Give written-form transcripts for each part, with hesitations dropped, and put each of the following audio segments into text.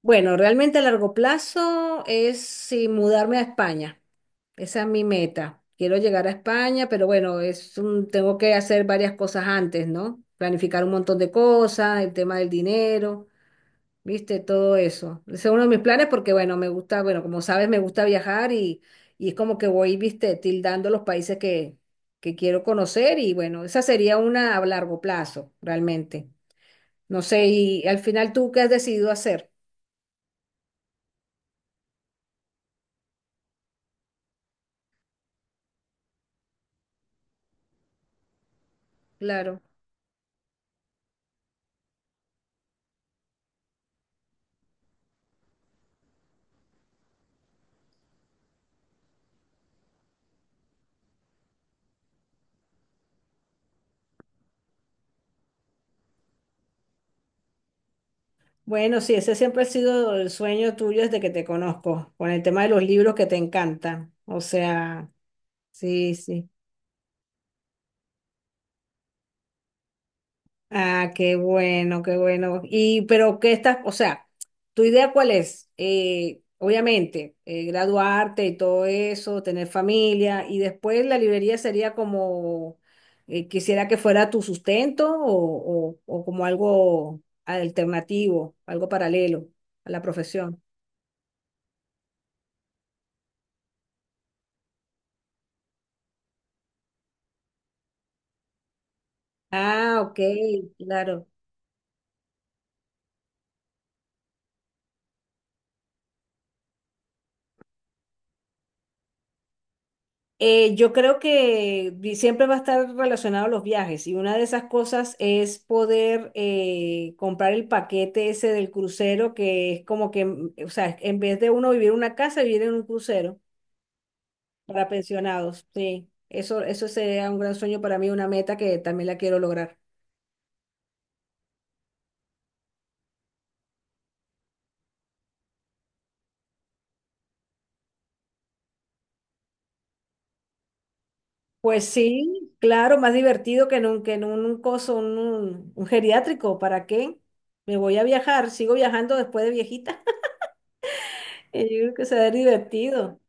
Bueno, realmente a largo plazo es sí, mudarme a España. Esa es mi meta. Quiero llegar a España, pero bueno, tengo que hacer varias cosas antes, ¿no? Planificar un montón de cosas, el tema del dinero, ¿viste? Todo eso. Ese es uno de mis planes porque, bueno, me gusta, bueno, como sabes, me gusta viajar y es como que voy, ¿viste? Tildando los países que quiero conocer y, bueno, esa sería una a largo plazo, realmente. No sé, y al final tú, ¿qué has decidido hacer? Claro. Bueno, sí, ese siempre ha sido el sueño tuyo desde que te conozco, con el tema de los libros que te encantan. O sea, sí, sí. Ah, qué bueno, qué bueno. Y, pero, ¿qué estás? O sea, ¿tu idea cuál es? Obviamente, graduarte y todo eso, tener familia, y después la librería sería como, quisiera que fuera tu sustento o como algo alternativo, algo paralelo a la profesión. Ah, ok, claro. Yo creo que siempre va a estar relacionado a los viajes y una de esas cosas es poder comprar el paquete ese del crucero que es como que, o sea, en vez de uno vivir en una casa, vivir en un crucero para pensionados. Sí, eso sería un gran sueño para mí, una meta que también la quiero lograr. Pues sí, claro, más divertido que que en un coso, un geriátrico. ¿Para qué? Me voy a viajar, sigo viajando después de viejita. Yo creo que será divertido.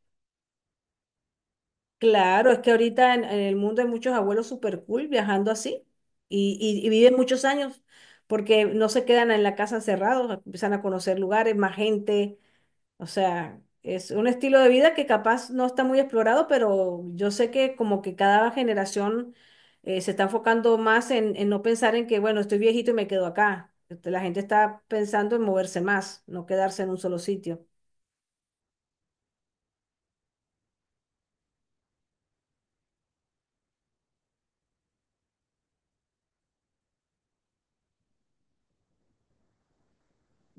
Claro, es que ahorita en el mundo hay muchos abuelos super cool viajando así y viven muchos años porque no se quedan en la casa encerrados, empiezan a conocer lugares, más gente, o sea, es un estilo de vida que capaz no está muy explorado, pero yo sé que como que cada generación se está enfocando más en no pensar en que, bueno, estoy viejito y me quedo acá. Este, la gente está pensando en moverse más, no quedarse en un solo sitio.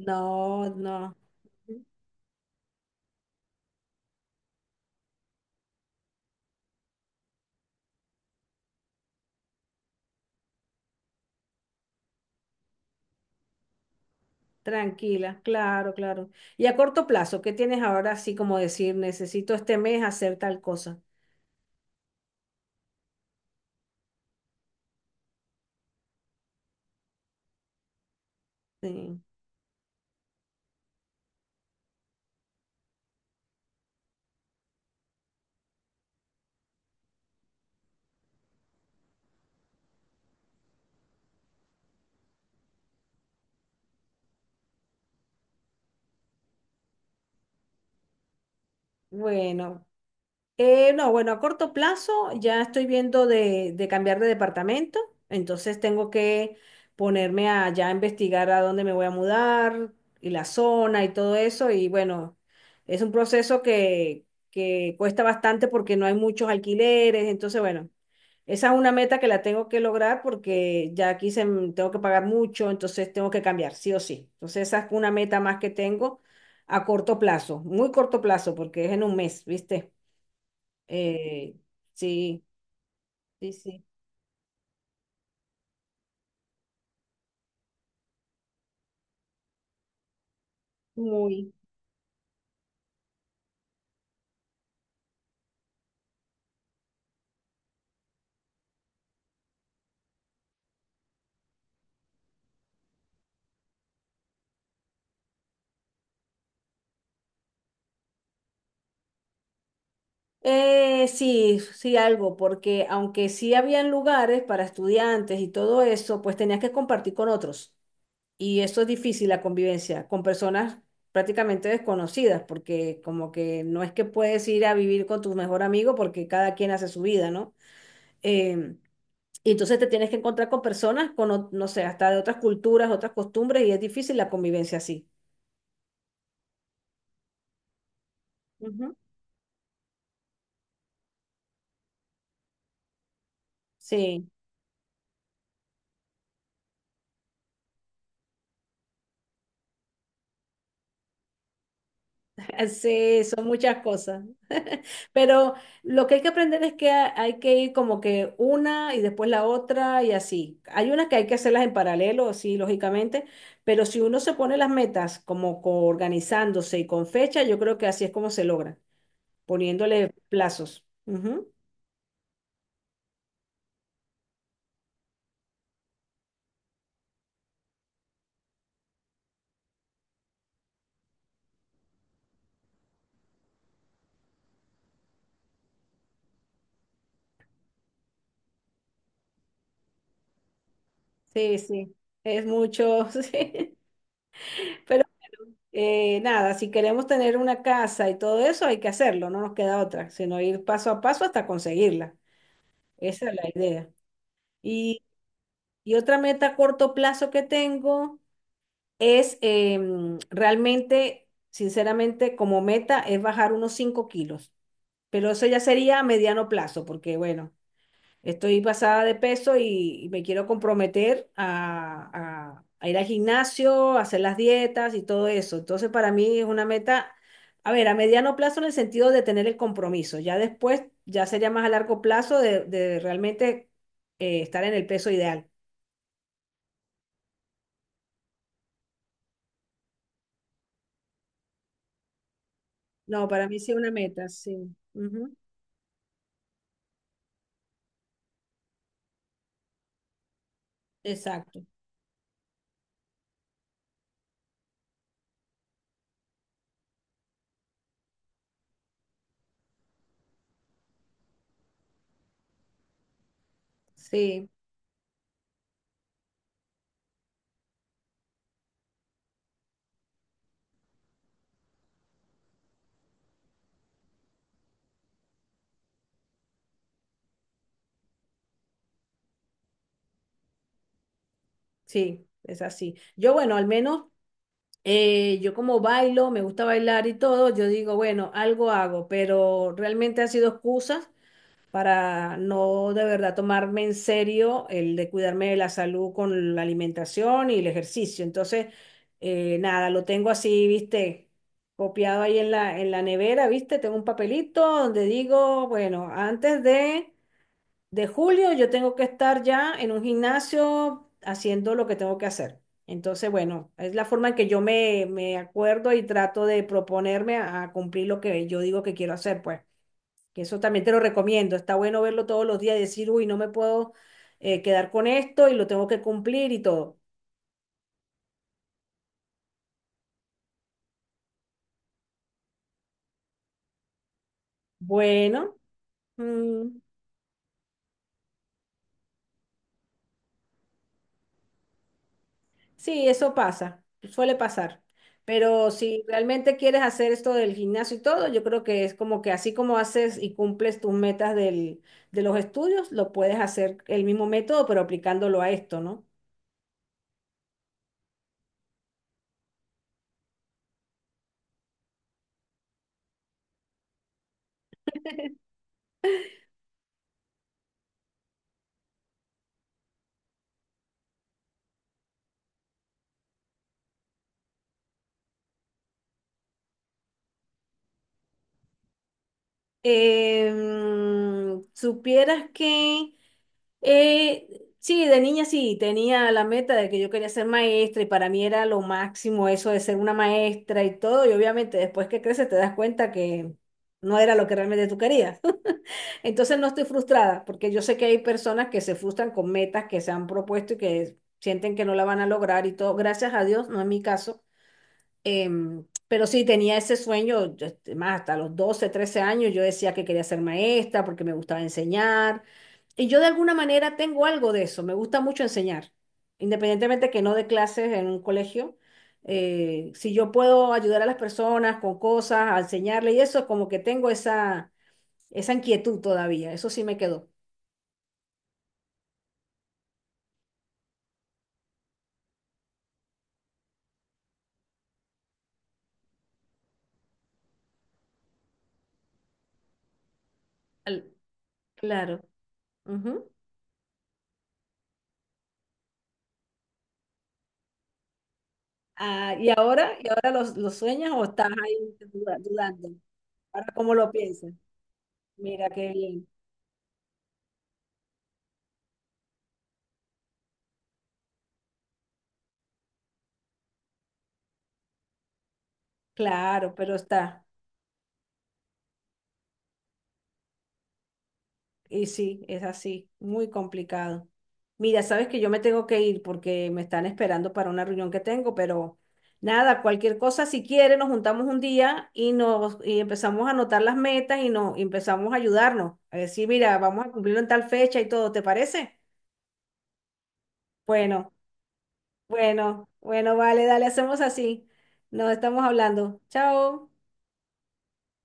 No, no. Tranquila, claro, claro. Y a corto plazo, ¿qué tienes ahora así como decir, necesito este mes hacer tal cosa? Sí. Bueno, no, bueno, a corto plazo ya estoy viendo de cambiar de departamento, entonces tengo que ponerme a ya investigar a dónde me voy a mudar y la zona y todo eso. Y bueno, es un proceso que cuesta bastante porque no hay muchos alquileres, entonces bueno, esa es una meta que la tengo que lograr porque ya aquí se, tengo que pagar mucho, entonces tengo que cambiar, sí o sí. Entonces esa es una meta más que tengo a corto plazo, muy corto plazo porque es en un mes, ¿viste? Eh, sí, sí, muy. Sí, sí, algo, porque aunque sí habían lugares para estudiantes y todo eso, pues tenías que compartir con otros. Y eso es difícil, la convivencia, con personas prácticamente desconocidas, porque como que no es que puedes ir a vivir con tu mejor amigo porque cada quien hace su vida, ¿no? Em, y entonces te tienes que encontrar con personas, no sé, hasta de otras culturas, otras costumbres, y es difícil la convivencia así. Ujú. Sí. Sí, son muchas cosas. Pero lo que hay que aprender es que hay que ir como que una y después la otra y así. Hay unas que hay que hacerlas en paralelo, sí, lógicamente, pero si uno se pone las metas como organizándose y con fecha, yo creo que así es como se logra, poniéndole plazos. Ujú. Sí, sí, es mucho, sí. Pero nada, si queremos tener una casa y todo eso, hay que hacerlo, no nos queda otra, sino ir paso a paso hasta conseguirla. Esa es la idea. Y, y otra meta a corto plazo que tengo es realmente, sinceramente, como meta es bajar unos 5 kilos, pero eso ya sería a mediano plazo, porque bueno, estoy pasada de peso y me quiero comprometer a, a ir al gimnasio, a hacer las dietas y todo eso. Entonces, para mí es una meta, a ver, a mediano plazo en el sentido de tener el compromiso, ya después, ya sería más a largo plazo de realmente estar en el peso ideal. No, para mí sí es una meta, sí. Ujú, exacto. Sí, sí, es así. Yo, bueno, al menos yo como bailo, me gusta bailar y todo, yo digo, bueno, algo hago, pero realmente han sido excusas para no de verdad tomarme en serio el de cuidarme de la salud con la alimentación y el ejercicio. Entonces, nada, lo tengo así, viste, copiado ahí en la nevera, ¿viste? Tengo un papelito donde digo, bueno, antes de julio yo tengo que estar ya en un gimnasio haciendo lo que tengo que hacer. Entonces, bueno, es la forma en que yo me, me acuerdo y trato de proponerme a cumplir lo que yo digo que quiero hacer, pues. Que eso también te lo recomiendo. Está bueno verlo todos los días y decir, uy, no me puedo quedar con esto y lo tengo que cumplir y todo. Bueno, mm, sí, eso pasa, suele pasar. Pero si realmente quieres hacer esto del gimnasio y todo, yo creo que es como que así como haces y cumples tus metas de los estudios, lo puedes hacer el mismo método, pero aplicándolo a esto, ¿no? Supieras que sí, de niña sí, tenía la meta de que yo quería ser maestra y para mí era lo máximo eso de ser una maestra y todo, y obviamente después que creces te das cuenta que no era lo que realmente tú querías. Entonces no estoy frustrada, porque yo sé que hay personas que se frustran con metas que se han propuesto y que sienten que no la van a lograr y todo. Gracias a Dios, no es mi caso. Pero sí, tenía ese sueño, yo, este, más hasta los 12 13 años, yo decía que quería ser maestra porque me gustaba enseñar. Y yo de alguna manera tengo algo de eso, me gusta mucho enseñar, independientemente que no dé clases en un colegio. Si yo puedo ayudar a las personas con cosas, a enseñarle y eso, como que tengo esa inquietud todavía, eso sí me quedó. Al- Claro. Ujú. Ah, y ahora los sueñas o estás ahí dudando? Ahora, ¿cómo lo piensas? Mira, qué bien. Claro, pero está. Y sí, es así, muy complicado. Mira, sabes que yo me tengo que ir porque me están esperando para una reunión que tengo, pero nada, cualquier cosa, si quiere nos juntamos un día y nos y empezamos a anotar las metas y nos y empezamos a ayudarnos. A decir, mira, vamos a cumplirlo en tal fecha y todo, ¿te parece? Bueno, bueno, bueno, vale, dale, hacemos así. Nos estamos hablando. Chao.